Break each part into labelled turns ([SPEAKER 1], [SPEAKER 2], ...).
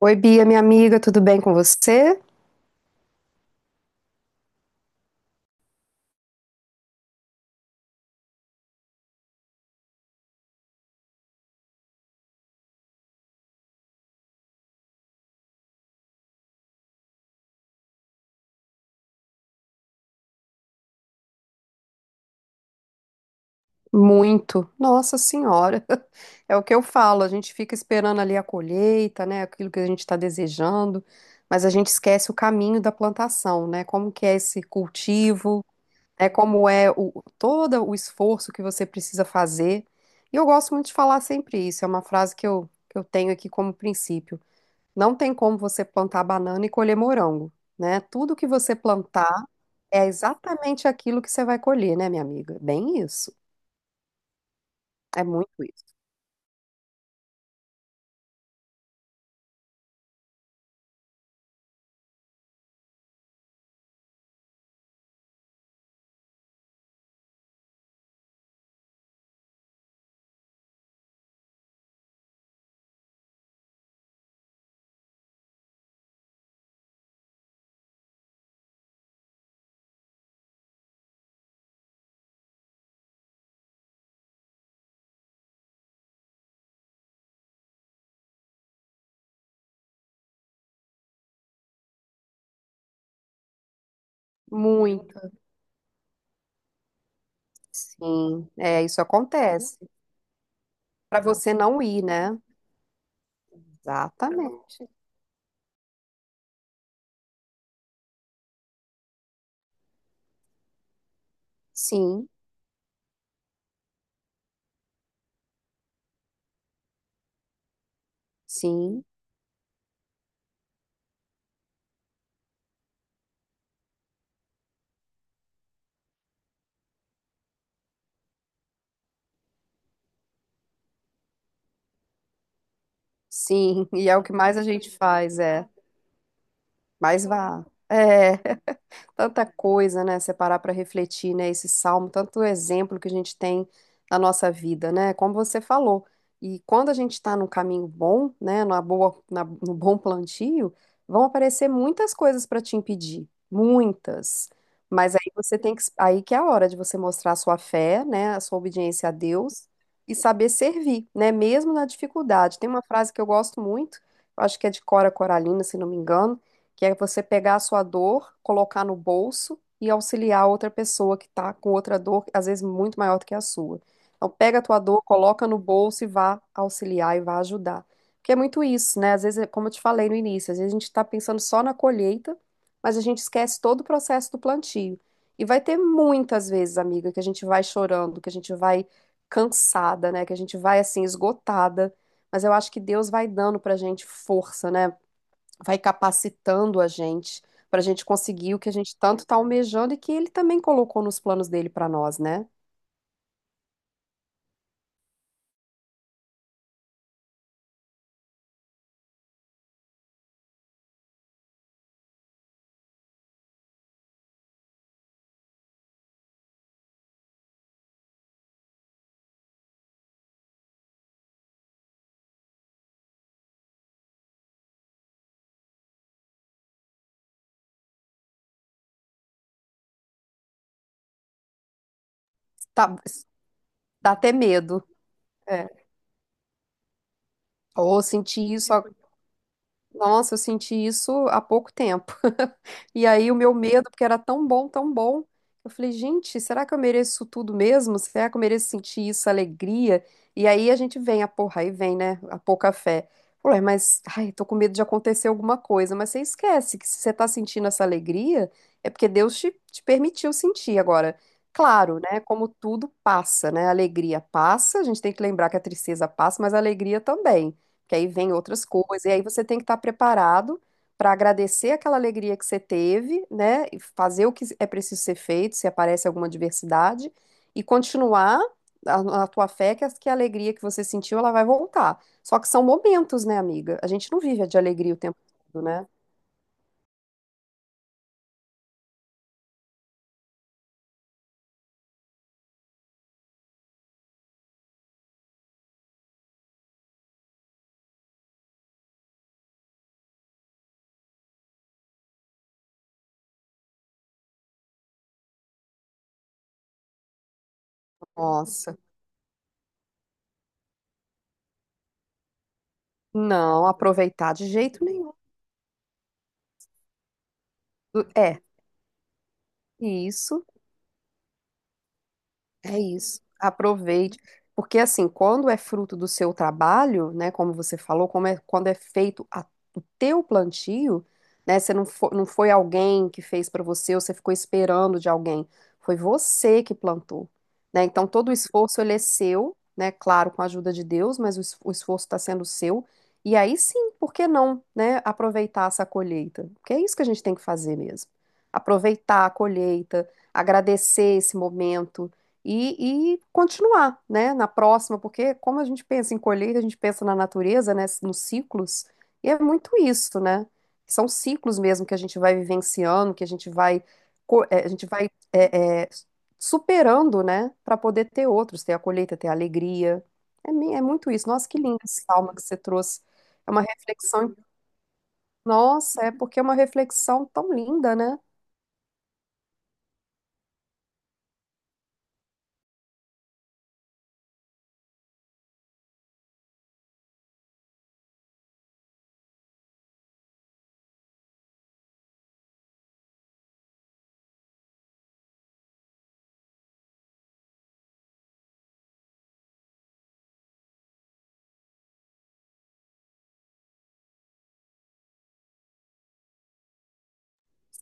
[SPEAKER 1] Oi, Bia, minha amiga, tudo bem com você? Muito. Nossa Senhora. É o que eu falo, a gente fica esperando ali a colheita, né? Aquilo que a gente está desejando, mas a gente esquece o caminho da plantação, né? Como que é esse cultivo, né? Como é o, todo o esforço que você precisa fazer. E eu gosto muito de falar sempre isso, é uma frase que eu tenho aqui como princípio. Não tem como você plantar banana e colher morango, né? Tudo que você plantar é exatamente aquilo que você vai colher, né, minha amiga? Bem isso. É muito isso. Muito, sim. É, isso acontece. Para você não ir, né? Exatamente. Sim, sim, sim. E é o que mais a gente faz, é. Mas vá. É. Tanta coisa, né? Separar para refletir, né? Esse salmo, tanto exemplo que a gente tem na nossa vida, né? Como você falou. E quando a gente está num caminho bom, né? Na boa, na- no bom plantio, vão aparecer muitas coisas para te impedir, muitas. Mas aí você tem que, aí que é a hora de você mostrar a sua fé, né? A sua obediência a Deus e saber servir, né? Mesmo na dificuldade. Tem uma frase que eu gosto muito, eu acho que é de Cora Coralina, se não me engano, que é você pegar a sua dor, colocar no bolso e auxiliar outra pessoa que está com outra dor, às vezes muito maior do que a sua. Então, pega a tua dor, coloca no bolso e vá auxiliar e vá ajudar. Porque é muito isso, né? Às vezes, é como eu te falei no início, às vezes a gente está pensando só na colheita, mas a gente esquece todo o processo do plantio. E vai ter muitas vezes, amiga, que a gente vai chorando, que a gente vai cansada, né? Que a gente vai assim esgotada. Mas eu acho que Deus vai dando pra gente força, né? Vai capacitando a gente para a gente conseguir o que a gente tanto está almejando e que ele também colocou nos planos dele para nós, né? Tá, dá até medo. É. Ou sentir isso. Nossa, eu senti isso há pouco tempo. E aí o meu medo, porque era tão bom, eu falei, gente, será que eu mereço isso tudo mesmo? Será que eu mereço sentir isso, alegria? E aí a gente vem, a porra, aí vem, né, a pouca fé. Ué, mas, ai, tô com medo de acontecer alguma coisa. Mas você esquece que se você tá sentindo essa alegria, é porque Deus te permitiu sentir. Agora, claro, né, como tudo passa, né, a alegria passa, a gente tem que lembrar que a tristeza passa, mas a alegria também, que aí vem outras coisas, e aí você tem que estar preparado para agradecer aquela alegria que você teve, né? E fazer o que é preciso ser feito, se aparece alguma adversidade, e continuar a tua fé que a alegria que você sentiu, ela vai voltar. Só que são momentos, né, amiga? A gente não vive de alegria o tempo todo, né? Nossa, não aproveitar de jeito nenhum. É, isso. É isso. Aproveite. Porque, assim, quando é fruto do seu trabalho, né, como você falou, como é, quando é feito a- o teu plantio, né, você não foi, não foi alguém que fez para você ou você ficou esperando de alguém. Foi você que plantou, né? Então, todo o esforço, ele é seu, né? Claro, com a ajuda de Deus, mas o, es- o esforço está sendo seu. E aí sim, por que não, né, aproveitar essa colheita? Porque é isso que a gente tem que fazer mesmo. Aproveitar a colheita, agradecer esse momento, e continuar, né, na próxima, porque como a gente pensa em colheita, a gente pensa na natureza, né, nos ciclos, e é muito isso, né? São ciclos mesmo que a gente vai vivenciando, que a gente vai, co- a gente vai eh, eh, superando, né, para poder ter outros, ter a colheita, ter a alegria. É, mi- é muito isso. Nossa, que lindo esse salmo que você trouxe. É uma reflexão. Nossa, é porque é uma reflexão tão linda, né?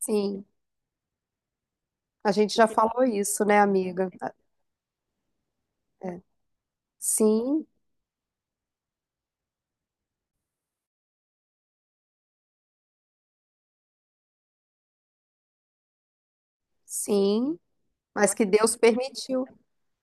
[SPEAKER 1] Sim, a gente já falou isso, né, amiga? Ah, é. Sim. Sim, mas que Deus permitiu.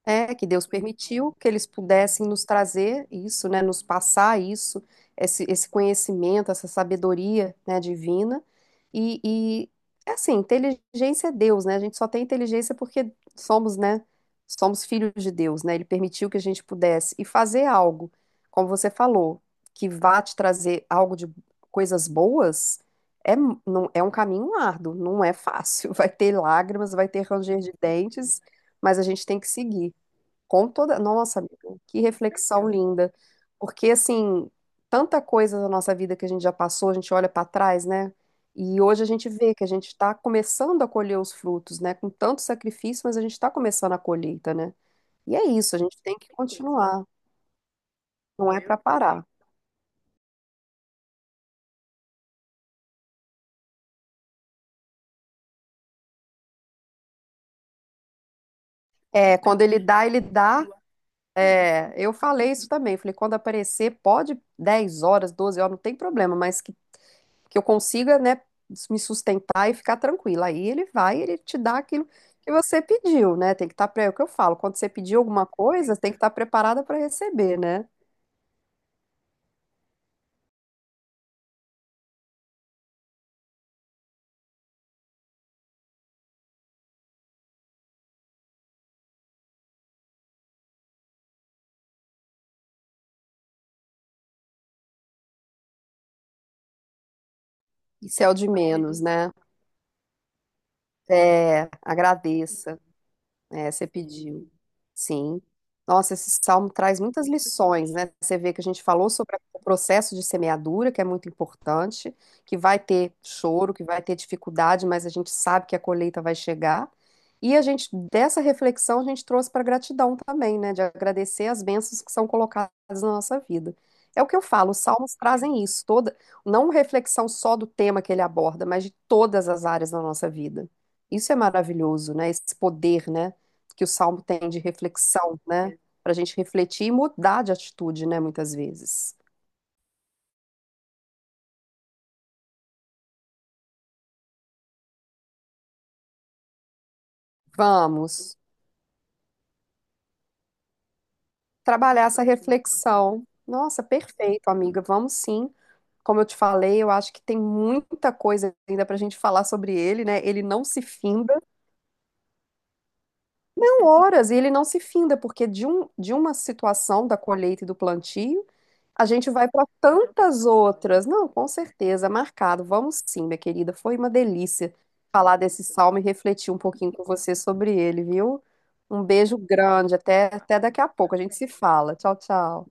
[SPEAKER 1] É, que Deus permitiu que eles pudessem nos trazer isso, né, nos passar isso, esse conhecimento, essa sabedoria, né, divina. E é assim, inteligência é Deus, né? A gente só tem inteligência porque somos, né, somos filhos de Deus, né? Ele permitiu que a gente pudesse e fazer algo, como você falou, que vá te trazer algo de coisas boas. É, mu- não, é um caminho árduo, não é fácil. Vai ter lágrimas, vai ter ranger de dentes, mas a gente tem que seguir. Com toda. Nossa, amiga, que reflexão linda. Porque, assim, tanta coisa da nossa vida que a gente já passou, a gente olha para trás, né? E hoje a gente vê que a gente está começando a colher os frutos, né? Com tanto sacrifício, mas a gente está começando a colheita, né? E é isso, a gente tem que continuar, não é para parar. É, quando ele dá, ele dá. É, eu falei isso também, falei, quando aparecer, pode 10 horas, 12 horas, não tem problema, mas que eu consiga, né, me sustentar e ficar tranquila. Aí ele vai, ele te dá aquilo que você pediu, né? Tem que estar, pre... é o que eu falo, quando você pedir alguma coisa, tem que estar preparada para receber, né? Isso é o de menos, né? É, agradeça. É, você pediu. Sim. Nossa, esse salmo traz muitas lições, né? Você vê que a gente falou sobre o processo de semeadura, que é muito importante, que vai ter choro, que vai ter dificuldade, mas a gente sabe que a colheita vai chegar. E a gente, dessa reflexão, a gente trouxe para gratidão também, né? De agradecer as bênçãos que são colocadas na nossa vida. É o que eu falo, os salmos trazem isso, toda, não reflexão só do tema que ele aborda, mas de todas as áreas da nossa vida. Isso é maravilhoso, né? Esse poder, né? Que o salmo tem de reflexão, né? Para a gente refletir e mudar de atitude, né? Muitas vezes. Vamos trabalhar essa reflexão. Nossa, perfeito, amiga. Vamos sim. Como eu te falei, eu acho que tem muita coisa ainda para a gente falar sobre ele, né? Ele não se finda, não horas, e ele não se finda, porque de, um, de uma situação da colheita e do plantio, a gente vai para tantas outras. Não, com certeza, marcado. Vamos sim, minha querida. Foi uma delícia falar desse salmo e refletir um pouquinho com você sobre ele, viu? Um beijo grande. Até, até daqui a pouco. A gente se fala. Tchau, tchau.